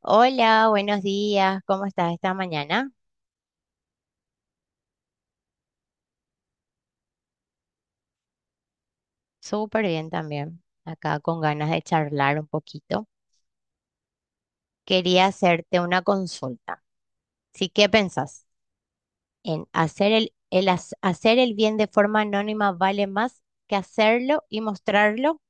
Hola, buenos días. ¿Cómo estás esta mañana? Súper bien también. Acá con ganas de charlar un poquito. Quería hacerte una consulta. Sí, ¿qué pensás? ¿En hacer hacer el bien de forma anónima vale más que hacerlo y mostrarlo?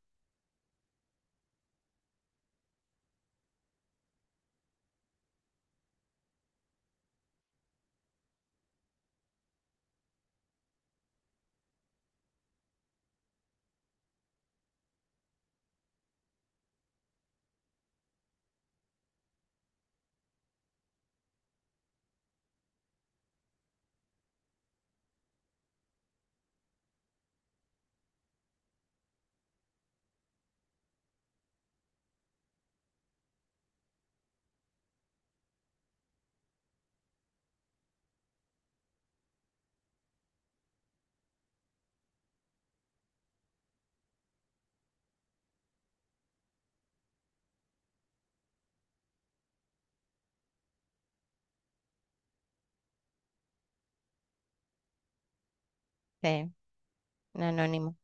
Sí, en anónimo.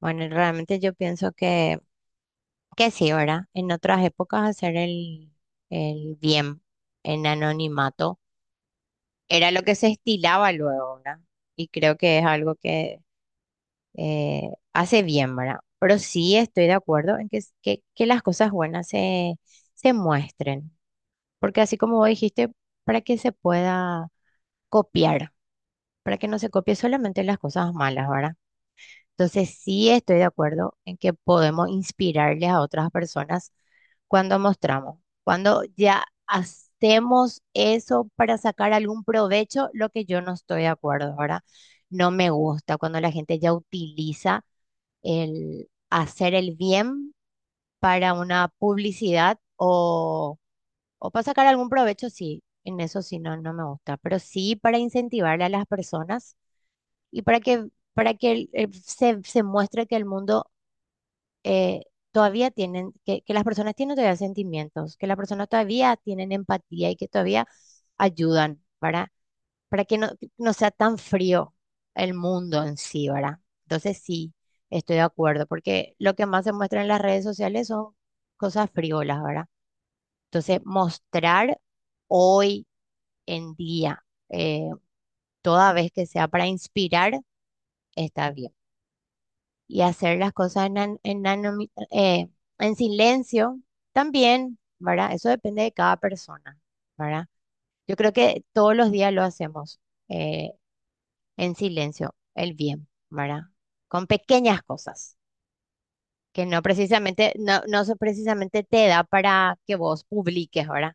Bueno, realmente yo pienso que sí, ¿verdad? En otras épocas hacer el bien en anonimato era lo que se estilaba luego, ¿verdad? Y creo que es algo que hace bien, ¿verdad? Pero sí estoy de acuerdo en que las cosas buenas se muestren, porque así como vos dijiste, para que se pueda copiar, para que no se copie solamente las cosas malas, ¿verdad? Entonces sí estoy de acuerdo en que podemos inspirarles a otras personas cuando mostramos. Cuando ya hacemos eso para sacar algún provecho, lo que yo no estoy de acuerdo, ¿verdad? No me gusta cuando la gente ya utiliza el hacer el bien para una publicidad o para sacar algún provecho. Sí, en eso sí no me gusta, pero sí para incentivarle a las personas y para para que se muestre que el mundo eh, todavía tienen, que las personas tienen todavía sentimientos, que las personas todavía tienen empatía y que todavía ayudan, ¿verdad? Para que no sea tan frío el mundo en sí, ¿verdad? Entonces sí, estoy de acuerdo, porque lo que más se muestra en las redes sociales son cosas frívolas, ¿verdad? Entonces, mostrar hoy en día, eh, toda vez que sea para inspirar, está bien. Y hacer las cosas en, an- en anomi- en silencio también, ¿verdad? Eso depende de cada persona, ¿verdad? Yo creo que todos los días lo hacemos. eh, en silencio el bien, ¿verdad? Con pequeñas cosas que no precisamente, no, no se- precisamente te da para que vos publiques, ¿verdad?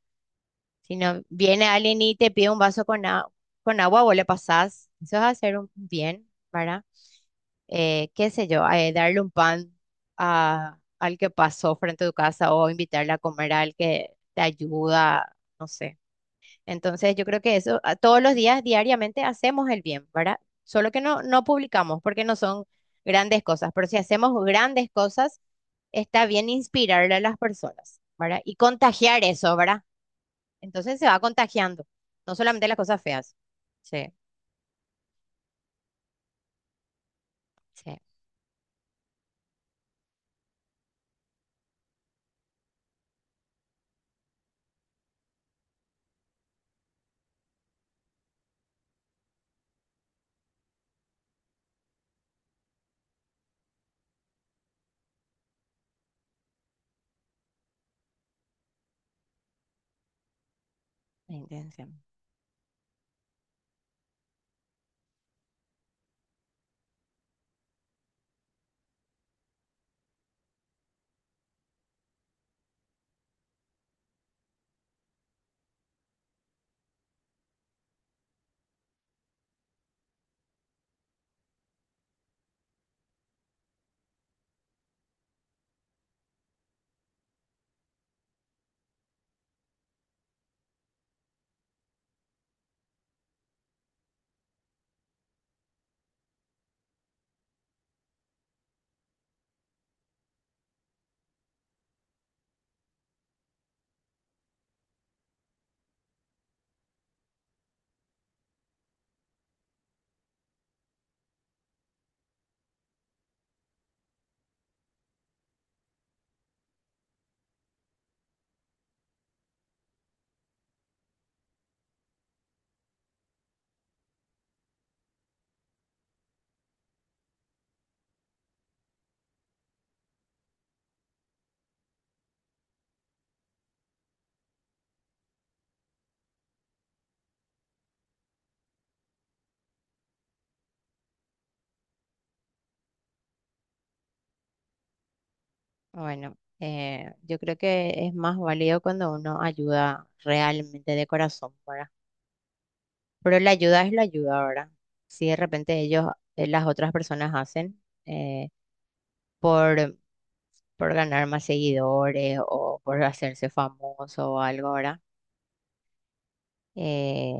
Sino viene alguien y te pide un vaso con agua, vos le pasás, eso es hacer un bien, ¿verdad? Qué sé yo, darle un pan al que pasó frente a tu casa o invitarle a comer al que te ayuda, no sé. Entonces, yo creo que todos los días, diariamente, hacemos el bien, ¿verdad? Solo que no publicamos porque no son grandes cosas, pero si hacemos grandes cosas, está bien inspirarle a las personas, ¿verdad? Y contagiar eso, ¿verdad? Entonces se va contagiando, no solamente las cosas feas. Sí, sí, la intención. Bueno, yo creo que es más válido cuando uno ayuda realmente de corazón, ¿verdad? Pero la ayuda es la ayuda. Ahora, si de repente ellos, las otras personas hacen eh, por, por ganar más seguidores o por hacerse famoso o algo. Ahora, eh,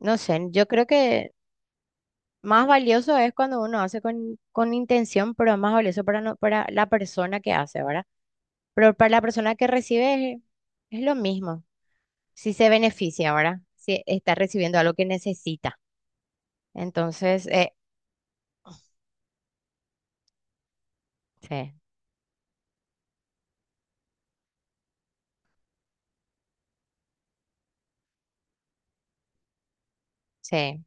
no sé, yo creo que más valioso es cuando uno hace con intención, pero es más valioso para, para la persona que hace, ¿verdad? Pero para la persona que recibe es lo mismo, si se beneficia, ¿verdad? Si está recibiendo algo que necesita. Entonces, sí, sí,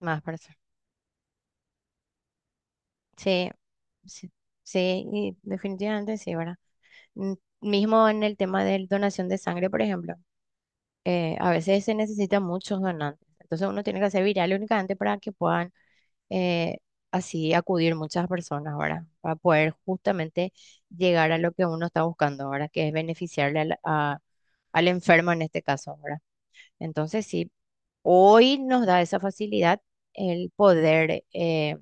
más personas. Sí, sí, sí, y definitivamente sí, ¿verdad? Mm, Mismo en el tema de donación de sangre, por ejemplo, a veces se necesitan muchos donantes. Entonces uno tiene que hacer viral únicamente para que puedan eh, así acudir muchas personas, ¿verdad? Para poder justamente llegar a lo que uno está buscando, ¿verdad? Que es beneficiarle al enfermo en este caso, ¿verdad? Entonces sí, hoy nos da esa facilidad el poder.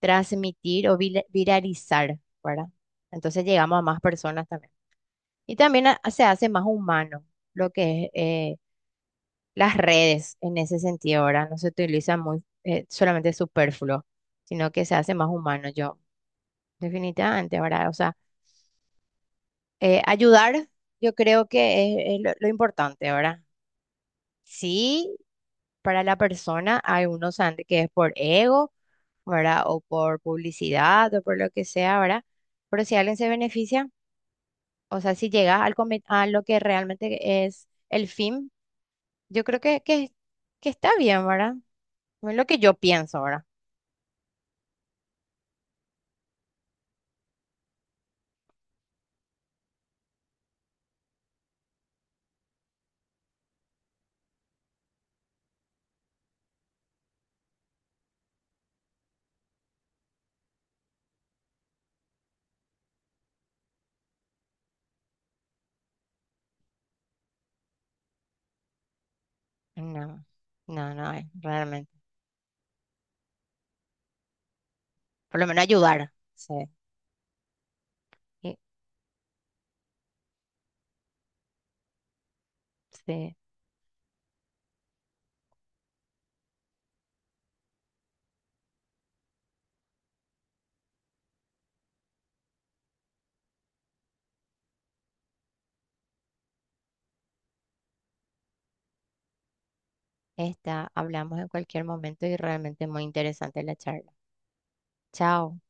Transmitir o viralizar, ¿verdad? Entonces llegamos a más personas también. Y también se hace más humano lo que es las redes en ese sentido, ¿verdad? No se utiliza muy, solamente superfluo, sino que se hace más humano, yo, definitivamente, ¿verdad? O sea, ayudar, yo creo que es lo importante, ¿verdad? Sí, para la persona hay unos antes que es por ego, ¿verdad? O por publicidad o por lo que sea, ¿verdad? Pero si alguien se beneficia, o sea, si llegas a lo que realmente es el fin, yo creo que está bien, ¿verdad? Es lo que yo pienso, ¿verdad? No, no, no, realmente. Por lo menos ayudar. Sí, y- sí. Está, hablamos en cualquier momento y realmente muy interesante la charla. Chao.